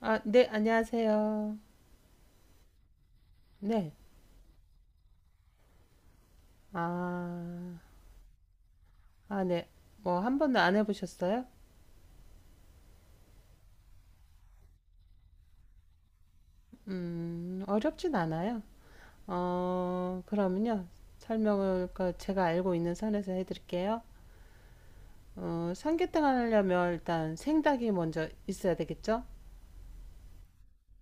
아, 네, 안녕하세요. 네. 아, 아, 네. 뭐, 한 번도 안 해보셨어요? 어렵진 않아요. 어, 그러면요. 설명을 그 제가 알고 있는 선에서 해드릴게요. 어, 삼계탕 하려면 일단 생닭이 먼저 있어야 되겠죠?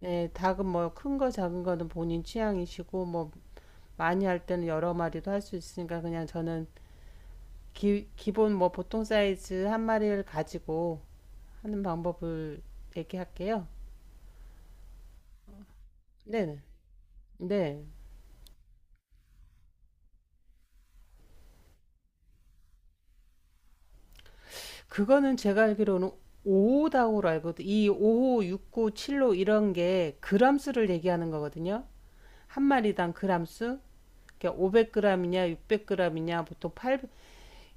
네, 닭은 뭐 큰거 작은 거는 본인 취향이시고, 뭐 많이 할 때는 여러 마리도 할 수 있으니까, 그냥 저는 기본 뭐 보통 사이즈 한 마리를 가지고 하는 방법을 얘기할게요. 네네. 네. 그거는 제가 알기로는 5호다우로 알거든. 이 5호, 6호, 7호 이런 게 그람수를 얘기하는 거거든요. 한 마리당 그람수. 그러니까 500g이냐, 600g이냐, 보통 800,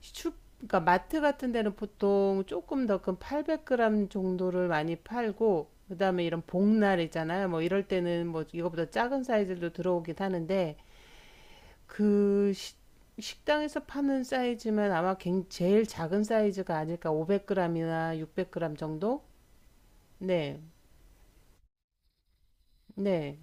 슈, 그러니까 마트 같은 데는 보통 조금 더 큰 800g 정도를 많이 팔고, 그다음에 이런 복날 있잖아요. 뭐 이럴 때는 뭐 이거보다 작은 사이즈도 들어오긴 하는데, 그 시- 식당에서 파는 사이즈면 아마 제일 작은 사이즈가 아닐까. 500g이나 600g 정도? 네. 네.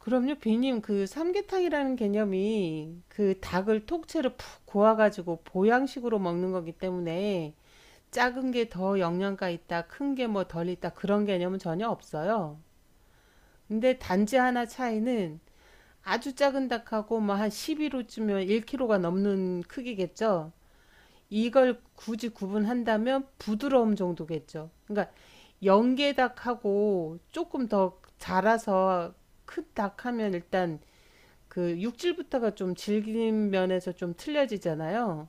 그럼요, 비님. 그 삼계탕이라는 개념이 그 닭을 통째로 푹 고아가지고 보양식으로 먹는 거기 때문에 작은 게 더 영양가 있다, 큰게 뭐 덜 있다, 그런 개념은 전혀 없어요. 근데 단지 하나 차이는 아주 작은 닭하고 뭐 한 11호쯤이면 1kg가 넘는 크기겠죠. 이걸 굳이 구분한다면 부드러움 정도겠죠. 그러니까 연계닭하고 조금 더 자라서 큰 닭하면 일단 그 육질부터가 좀 질긴 면에서 좀 틀려지잖아요.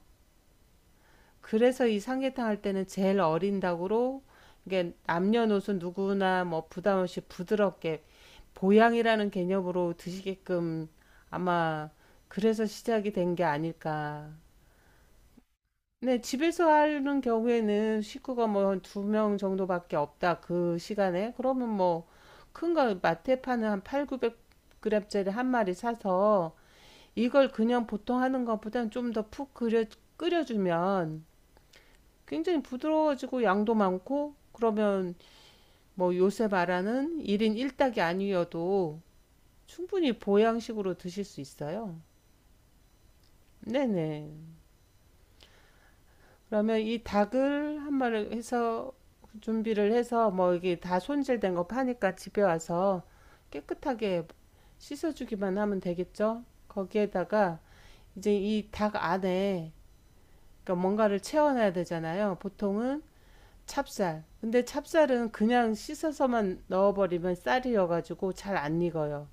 그래서 이 삼계탕 할 때는 제일 어린 닭으로, 이게 남녀노소 누구나 뭐 부담 없이 부드럽게 보양이라는 개념으로 드시게끔 아마 그래서 시작이 된 게 아닐까. 네. 집에서 하는 경우에는 식구가 뭐 한 2 명 정도밖에 없다 그 시간에. 그러면 뭐 큰 거 마트에 파는 한8 구백 9 0 0 그램짜리 한 마리 사서 이걸 그냥 보통 하는 것보다는 좀 더 푹 끓여주면 굉장히 부드러워지고 양도 많고, 그러면 뭐 요새 말하는 1인 1 닭이 아니어도 충분히 보양식으로 드실 수 있어요. 네네. 그러면 이 닭을 한 마리 해서 준비를 해서, 뭐 이게 다 손질된 거 파니까 집에 와서 깨끗하게 씻어주기만 하면 되겠죠? 거기에다가 이제 이 닭 안에, 그러니까 뭔가를 채워놔야 되잖아요. 보통은 찹쌀. 근데 찹쌀은 그냥 씻어서만 넣어버리면 쌀이여가지고 잘 안 익어요.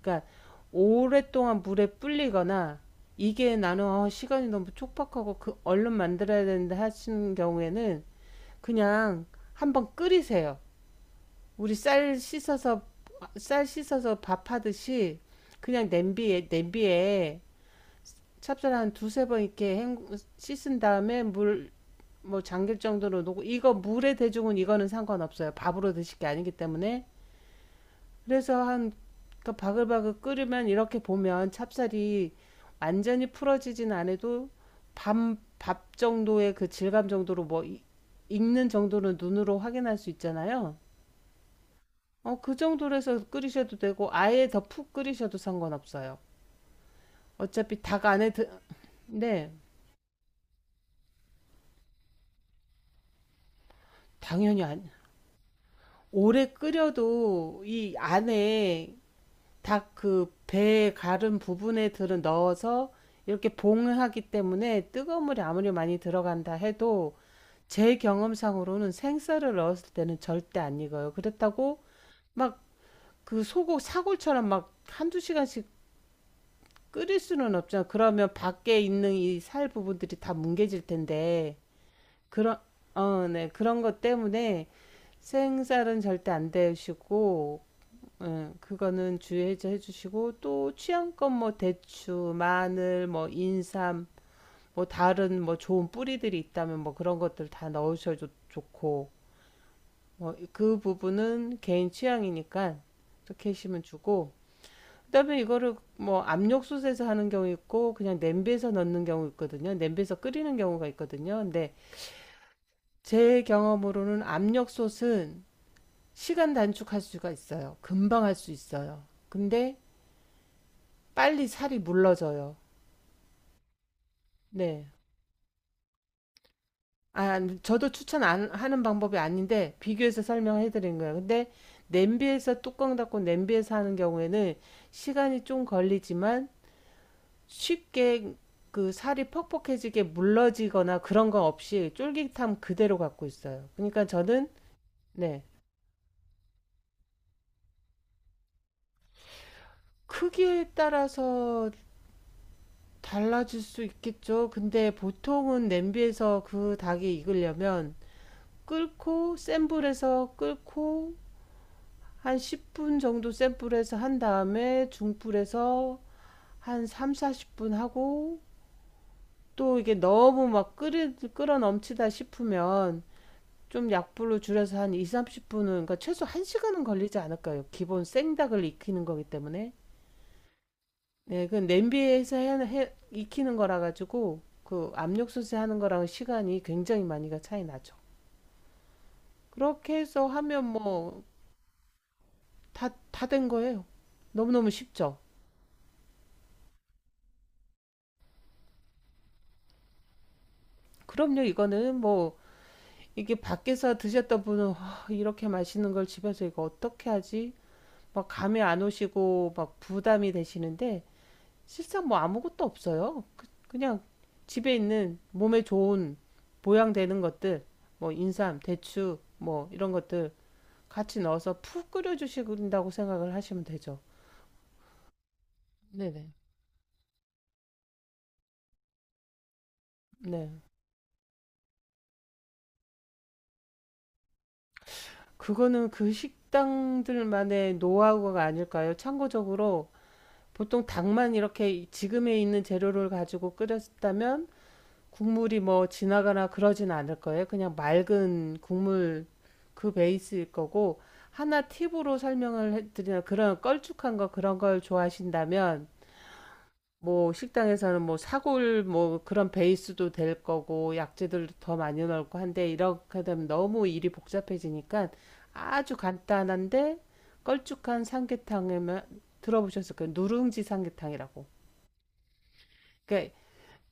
그러니까 오랫동안 물에 불리거나, 이게 나는 어, 시간이 너무 촉박하고 그 얼른 만들어야 되는데 하시는 경우에는 그냥 한번 끓이세요. 우리 쌀 씻어서, 쌀 씻어서 밥하듯이 그냥 냄비에, 냄비에 찹쌀 한 두세 번 이렇게 씻은 다음에 물 뭐 잠길 정도로 놓고, 이거 물에 대중은 이거는 상관없어요. 밥으로 드실 게 아니기 때문에. 그래서 한, 그러니까 바글바글 끓으면 이렇게 보면 찹쌀이 완전히 풀어지진 않아도 밥, 밥 정도의 그 질감 정도로 뭐 이- 익는 정도는 눈으로 확인할 수 있잖아요. 어, 그 정도로 해서 끓이셔도 되고, 아예 더 푹 끓이셔도 상관없어요. 어차피 닭 안에 드... 네, 당연히 안. 오래 끓여도 이 안에 닭 그 배 가른 부분에 들은 넣어서 이렇게 봉을 하기 때문에, 뜨거운 물이 아무리 많이 들어간다 해도 제 경험상으로는 생쌀을 넣었을 때는 절대 안 익어요. 그렇다고 막 그 소고 사골처럼 막 한두 시간씩 끓일 수는 없잖아. 그러면 밖에 있는 이 살 부분들이 다 뭉개질 텐데, 그런 어, 네. 그런 것 때문에 생쌀은 절대 안 데우시고, 예, 그거는 주의해 해주시고, 또 취향껏 뭐 대추, 마늘, 뭐 인삼, 뭐 다른 뭐 좋은 뿌리들이 있다면 뭐 그런 것들 다 넣으셔도 좋고, 뭐 그 부분은 개인 취향이니까 그렇게 하시면 주고, 그다음에 이거를 뭐 압력솥에서 하는 경우 있고, 그냥 냄비에서 넣는 경우 있거든요. 냄비에서 끓이는 경우가 있거든요. 근데 제 경험으로는 압력솥은 시간 단축할 수가 있어요. 금방 할 수 있어요. 근데 빨리 살이 물러져요. 네. 아, 저도 추천 안 하는 방법이 아닌데 비교해서 설명해 드린 거예요. 근데 냄비에서 뚜껑 닫고 냄비에서 하는 경우에는 시간이 좀 걸리지만 쉽게 그 살이 퍽퍽해지게 물러지거나 그런 거 없이 쫄깃함 그대로 갖고 있어요. 그러니까 저는, 네. 크기에 따라서 달라질 수 있겠죠. 근데 보통은 냄비에서 그 닭이 익으려면 끓고 센 불에서 끓고 한 10분 정도 센 불에서 한 다음에 중불에서 한 3, 40분 하고, 또 이게 너무 막 끓어 넘치다 싶으면 좀 약불로 줄여서 한 2, 30분은, 그러니까 최소 1시간은 걸리지 않을까요? 기본 생닭을 익히는 거기 때문에. 네, 그 냄비에서 익히는 거라 가지고 그 압력솥에 하는 거랑 시간이 굉장히 많이가 차이 나죠. 그렇게 해서 하면 뭐 다 된 거예요. 너무너무 쉽죠. 그럼요, 이거는 뭐 이게 밖에서 드셨던 분은 "아, 이렇게 맛있는 걸 집에서 이거 어떻게 하지?" 막 감이 안 오시고 막 부담이 되시는데, 실상 뭐 아무것도 없어요. 그냥 집에 있는 몸에 좋은 보양되는 것들, 뭐 인삼, 대추, 뭐 이런 것들 같이 넣어서 푹 끓여주신다고 생각을 하시면 되죠. 네네. 네. 그거는 그 식당들만의 노하우가 아닐까요? 참고적으로 보통 닭만 이렇게 지금에 있는 재료를 가지고 끓였다면 국물이 뭐 진하거나 그러진 않을 거예요. 그냥 맑은 국물 그 베이스일 거고, 하나 팁으로 설명을 해드리면, 그런 걸쭉한 거 그런 걸 좋아하신다면 뭐 식당에서는 뭐 사골 뭐 그런 베이스도 될 거고, 약재들 더 많이 넣고 한데, 이렇게 되면 너무 일이 복잡해지니까, 아주 간단한데 걸쭉한 삼계탕에만 들어보셨을 거예요. 누룽지 삼계탕이라고. 그러니까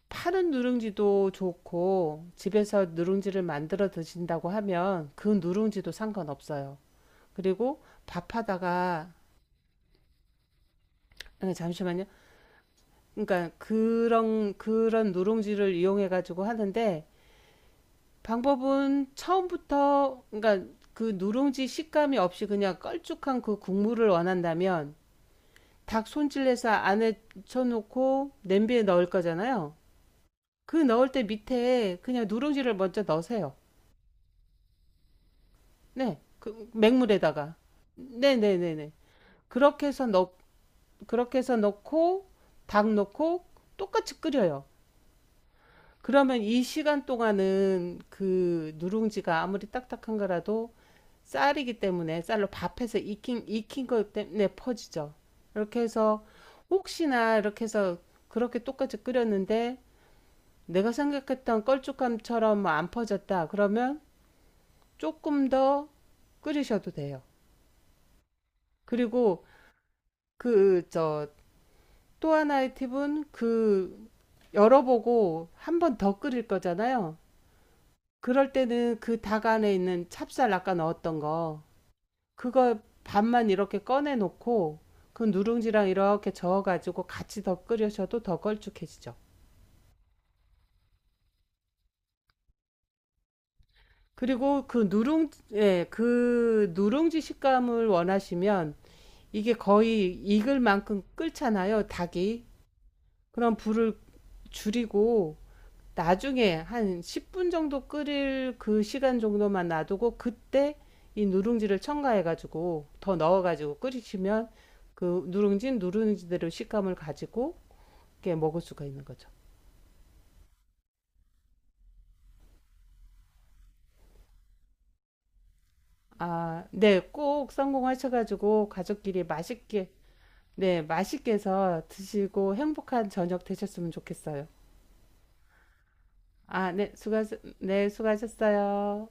파는 누룽지도 좋고, 집에서 누룽지를 만들어 드신다고 하면 그 누룽지도 상관없어요. 그리고 밥하다가, 아, 잠시만요. 그러니까 그런 누룽지를 이용해 가지고 하는데, 방법은 처음부터, 그러니까 그 누룽지 식감이 없이 그냥 껄쭉한 그 국물을 원한다면, 닭 손질해서 안에 쳐놓고 냄비에 넣을 거잖아요. 그 넣을 때 밑에 그냥 누룽지를 먼저 넣으세요. 네, 그 맹물에다가. 네네네네. 그렇게 해서 그렇게 해서 넣고, 닭 넣고, 똑같이 끓여요. 그러면 이 시간 동안은 그 누룽지가 아무리 딱딱한 거라도 쌀이기 때문에, 쌀로 밥해서 익힌 것 때문에 퍼지죠. 이렇게 해서, 혹시나 이렇게 해서 그렇게 똑같이 끓였는데 내가 생각했던 걸쭉함처럼 뭐안 퍼졌다. 그러면 조금 더 끓이셔도 돼요. 그리고 그, 저, 또 하나의 팁은 그 열어보고 한번 더 끓일 거잖아요. 그럴 때는 그 닭 안에 있는 찹쌀 아까 넣었던 거, 그거 반만 이렇게 꺼내 놓고 그 누룽지랑 이렇게 저어 가지고 같이 더 끓여셔도 더 걸쭉해지죠. 그리고 그 누룽 예, 그 누룽지 식감을 원하시면, 이게 거의 익을 만큼 끓잖아요, 닭이. 그럼 불을 줄이고, 나중에 한 10분 정도 끓일 그 시간 정도만 놔두고 그때 이 누룽지를 첨가해가지고 더 넣어가지고 끓이시면, 그 누룽지 누룽지대로 식감을 가지고 이렇게 먹을 수가 있는 거죠. 아, 네, 꼭 성공하셔가지고 가족끼리 맛있게, 네, 맛있게 해서 드시고 행복한 저녁 되셨으면 좋겠어요. 아, 네, 네, 수고하셨어요.